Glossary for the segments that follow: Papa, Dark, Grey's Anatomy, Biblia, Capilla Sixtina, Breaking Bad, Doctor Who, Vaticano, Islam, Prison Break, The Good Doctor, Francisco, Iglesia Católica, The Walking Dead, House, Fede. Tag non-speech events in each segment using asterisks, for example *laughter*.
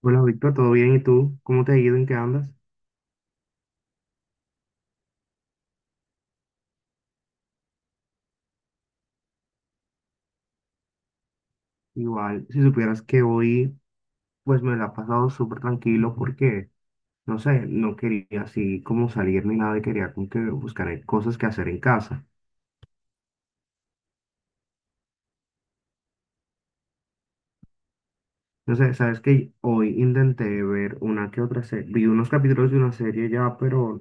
Bueno, Víctor, ¿todo bien? ¿Y tú? ¿Cómo te ha ido? ¿En qué andas? Igual, si supieras que hoy, pues me la he pasado súper tranquilo porque, no sé, no quería así como salir ni nada y quería como que buscar cosas que hacer en casa. No sé, sabes que hoy intenté ver una que otra serie, vi unos capítulos de una serie ya, pero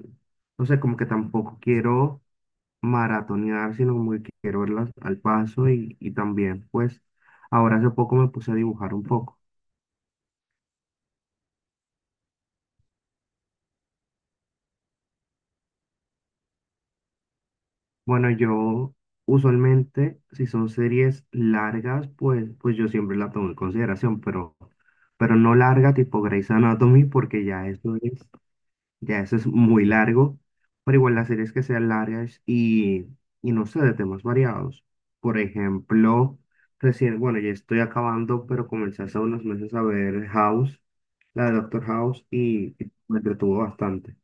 no sé, como que tampoco quiero maratonear, sino como que quiero verlas al paso y también, pues, ahora hace poco me puse a dibujar un poco. Bueno, yo usualmente, si son series largas, pues yo siempre la tomo en consideración, pero no larga tipo Grey's Anatomy, porque ya eso es muy largo, pero igual las series que sean largas y no sé, de temas variados. Por ejemplo, recién, bueno, ya estoy acabando, pero comencé hace unos meses a ver House, la de Doctor House, y me entretuvo bastante.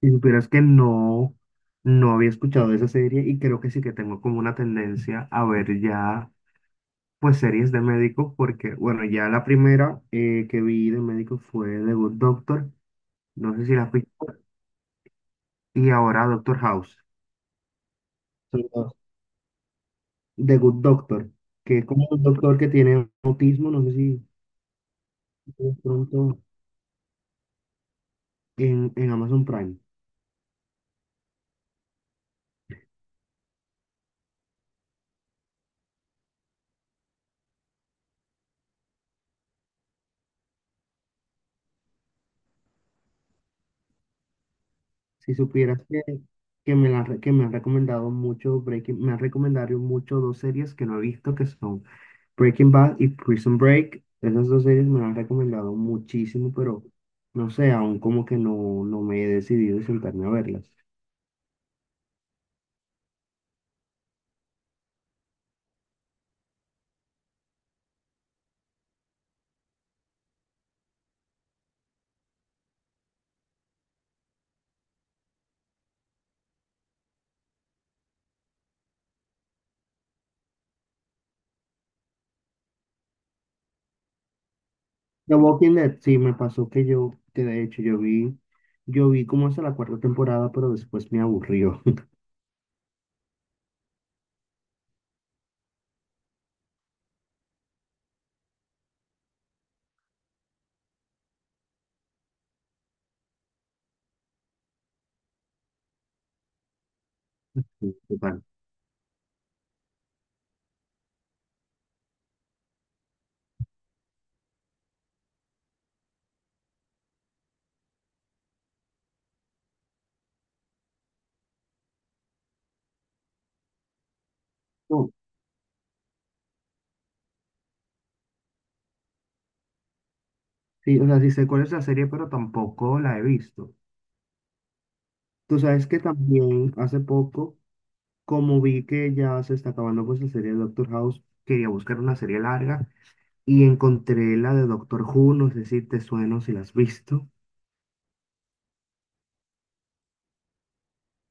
Si supieras que no, no había escuchado de esa serie y creo que sí que tengo como una tendencia a ver ya, pues, series de médicos, porque, bueno, ya la primera que vi de médicos fue The Good Doctor, no sé si la has visto, y ahora Doctor House. Son dos. The Good Doctor, que es como un doctor que tiene autismo, no sé si de pronto en Amazon Prime. Si supieras que, que me han recomendado mucho Breaking, me han recomendado mucho dos series que no he visto que son Breaking Bad y Prison Break, esas dos series me las han recomendado muchísimo, pero no sé, aún como que no, no me he decidido sentarme a verlas. The Walking Dead, sí, me pasó que yo, que de hecho yo vi como hasta la cuarta temporada, pero después me aburrió. *laughs* Sí, total. No, sí, o sea, sí sé cuál es la serie, pero tampoco la he visto. Tú sabes que también hace poco, como vi que ya se está acabando pues la serie de Doctor House, quería buscar una serie larga y encontré la de Doctor Who, no sé si te suena, o si la has visto.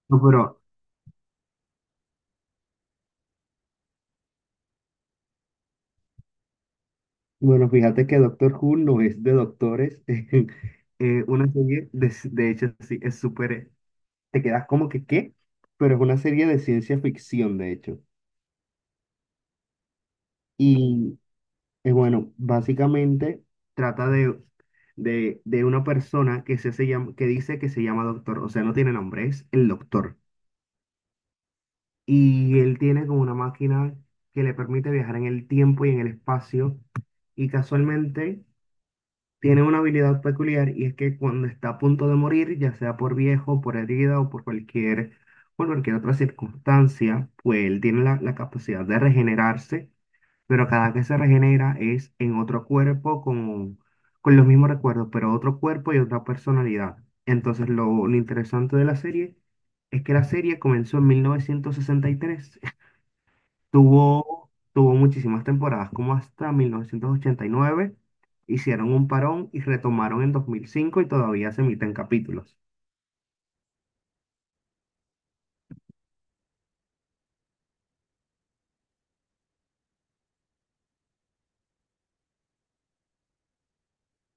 No, pero bueno, fíjate que Doctor Who no es de doctores. *laughs* Una serie, de hecho, sí, es súper, te quedas como que, ¿qué? Pero es una serie de ciencia ficción, de hecho. Y bueno, básicamente trata de, de una persona que, se llama, que dice que se llama doctor, o sea, no tiene nombre, es el doctor. Y él tiene como una máquina que le permite viajar en el tiempo y en el espacio y casualmente tiene una habilidad peculiar y es que cuando está a punto de morir, ya sea por viejo, por herida o por cualquier otra circunstancia, pues él tiene la, la capacidad de regenerarse, pero cada que se regenera es en otro cuerpo con los mismos recuerdos, pero otro cuerpo y otra personalidad. Entonces lo interesante de la serie es que la serie comenzó en 1963. Tuvo muchísimas temporadas, como hasta 1989. Hicieron un parón y retomaron en 2005 y todavía se emiten capítulos.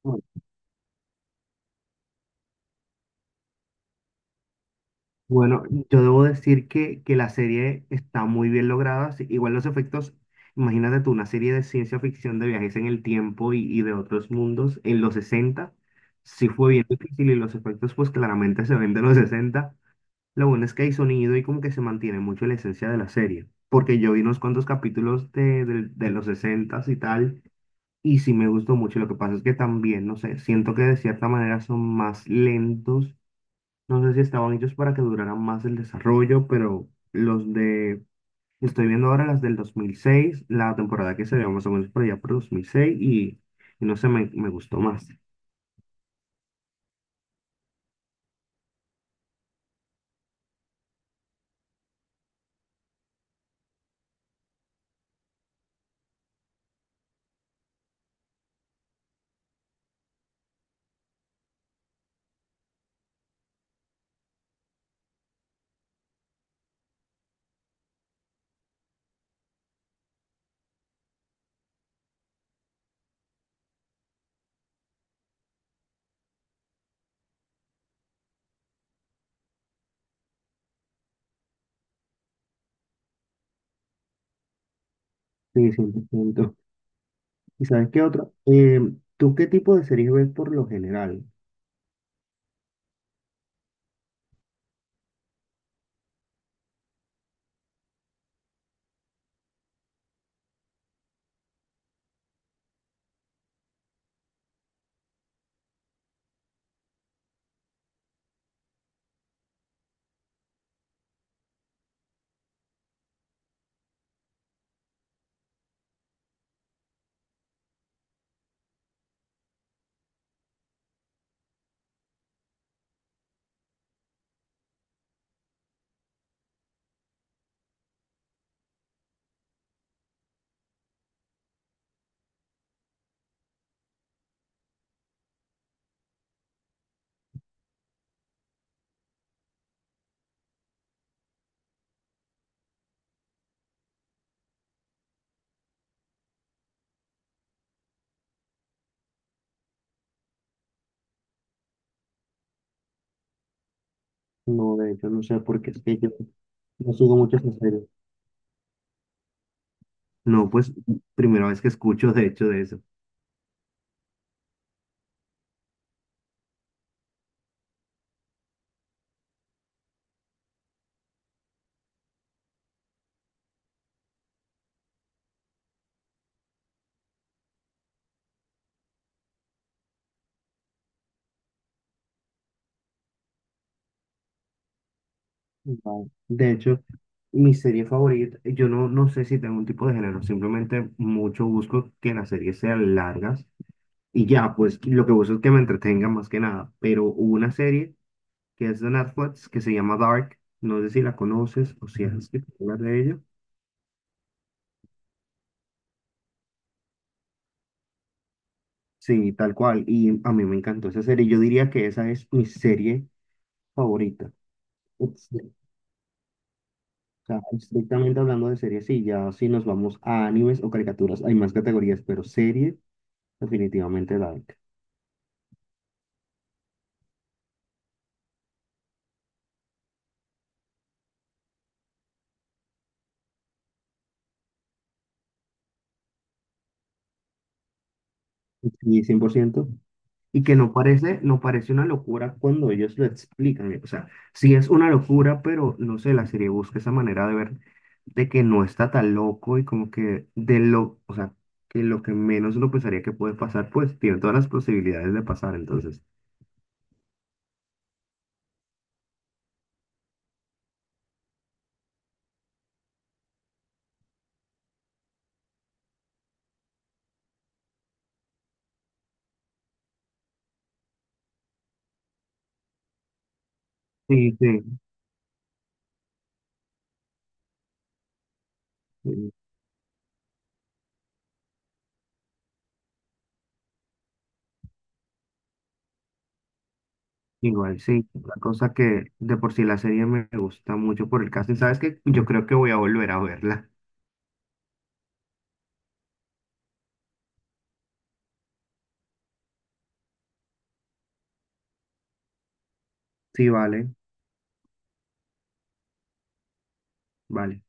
Bu- Bueno, yo debo decir que la serie está muy bien lograda. Sí, igual los efectos, imagínate tú, una serie de ciencia ficción de viajes en el tiempo y de otros mundos en los 60, sí fue bien difícil y los efectos pues claramente se ven de los 60. Lo bueno es que hay sonido y como que se mantiene mucho la esencia de la serie, porque yo vi unos cuantos capítulos de, de los sesentas y tal, y sí me gustó mucho. Lo que pasa es que también, no sé, siento que de cierta manera son más lentos. No sé si estaban hechos para que duraran más el desarrollo, pero los de... Estoy viendo ahora las del 2006, la temporada que se ve más o menos por allá por 2006, y no sé, me gustó más. Sí, 100%. ¿Y sabes qué otra? ¿Tú qué tipo de series ves por lo general? No, de hecho, no sé por qué es que yo no sigo mucho esa serie. No, pues primera vez que escucho de hecho de eso. Vale. De hecho, mi serie favorita, yo no, no sé si tengo un tipo de género, simplemente mucho busco que las series sean largas y ya, pues lo que busco es que me entretenga más que nada. Pero hubo una serie que es de Netflix que se llama Dark, no sé si la conoces o si has escuchado hablar de ella. Sí, tal cual, y a mí me encantó esa serie, yo diría que esa es mi serie favorita. Sea, estrictamente hablando de series, sí, ya si nos vamos a animes o caricaturas, hay más categorías, pero series, definitivamente Dark. Y 100%. Y que no parece, no parece una locura cuando ellos lo explican. O sea, sí es una locura, pero no sé, la serie busca esa manera de ver de que no está tan loco y como que de lo, o sea, que lo que menos uno pensaría que puede pasar, pues tiene todas las posibilidades de pasar. Entonces, sí, sí. Igual, sí, la cosa que de por sí la serie me gusta mucho por el casting. ¿Sabes qué? Yo creo que voy a volver a verla. Sí, vale, vale.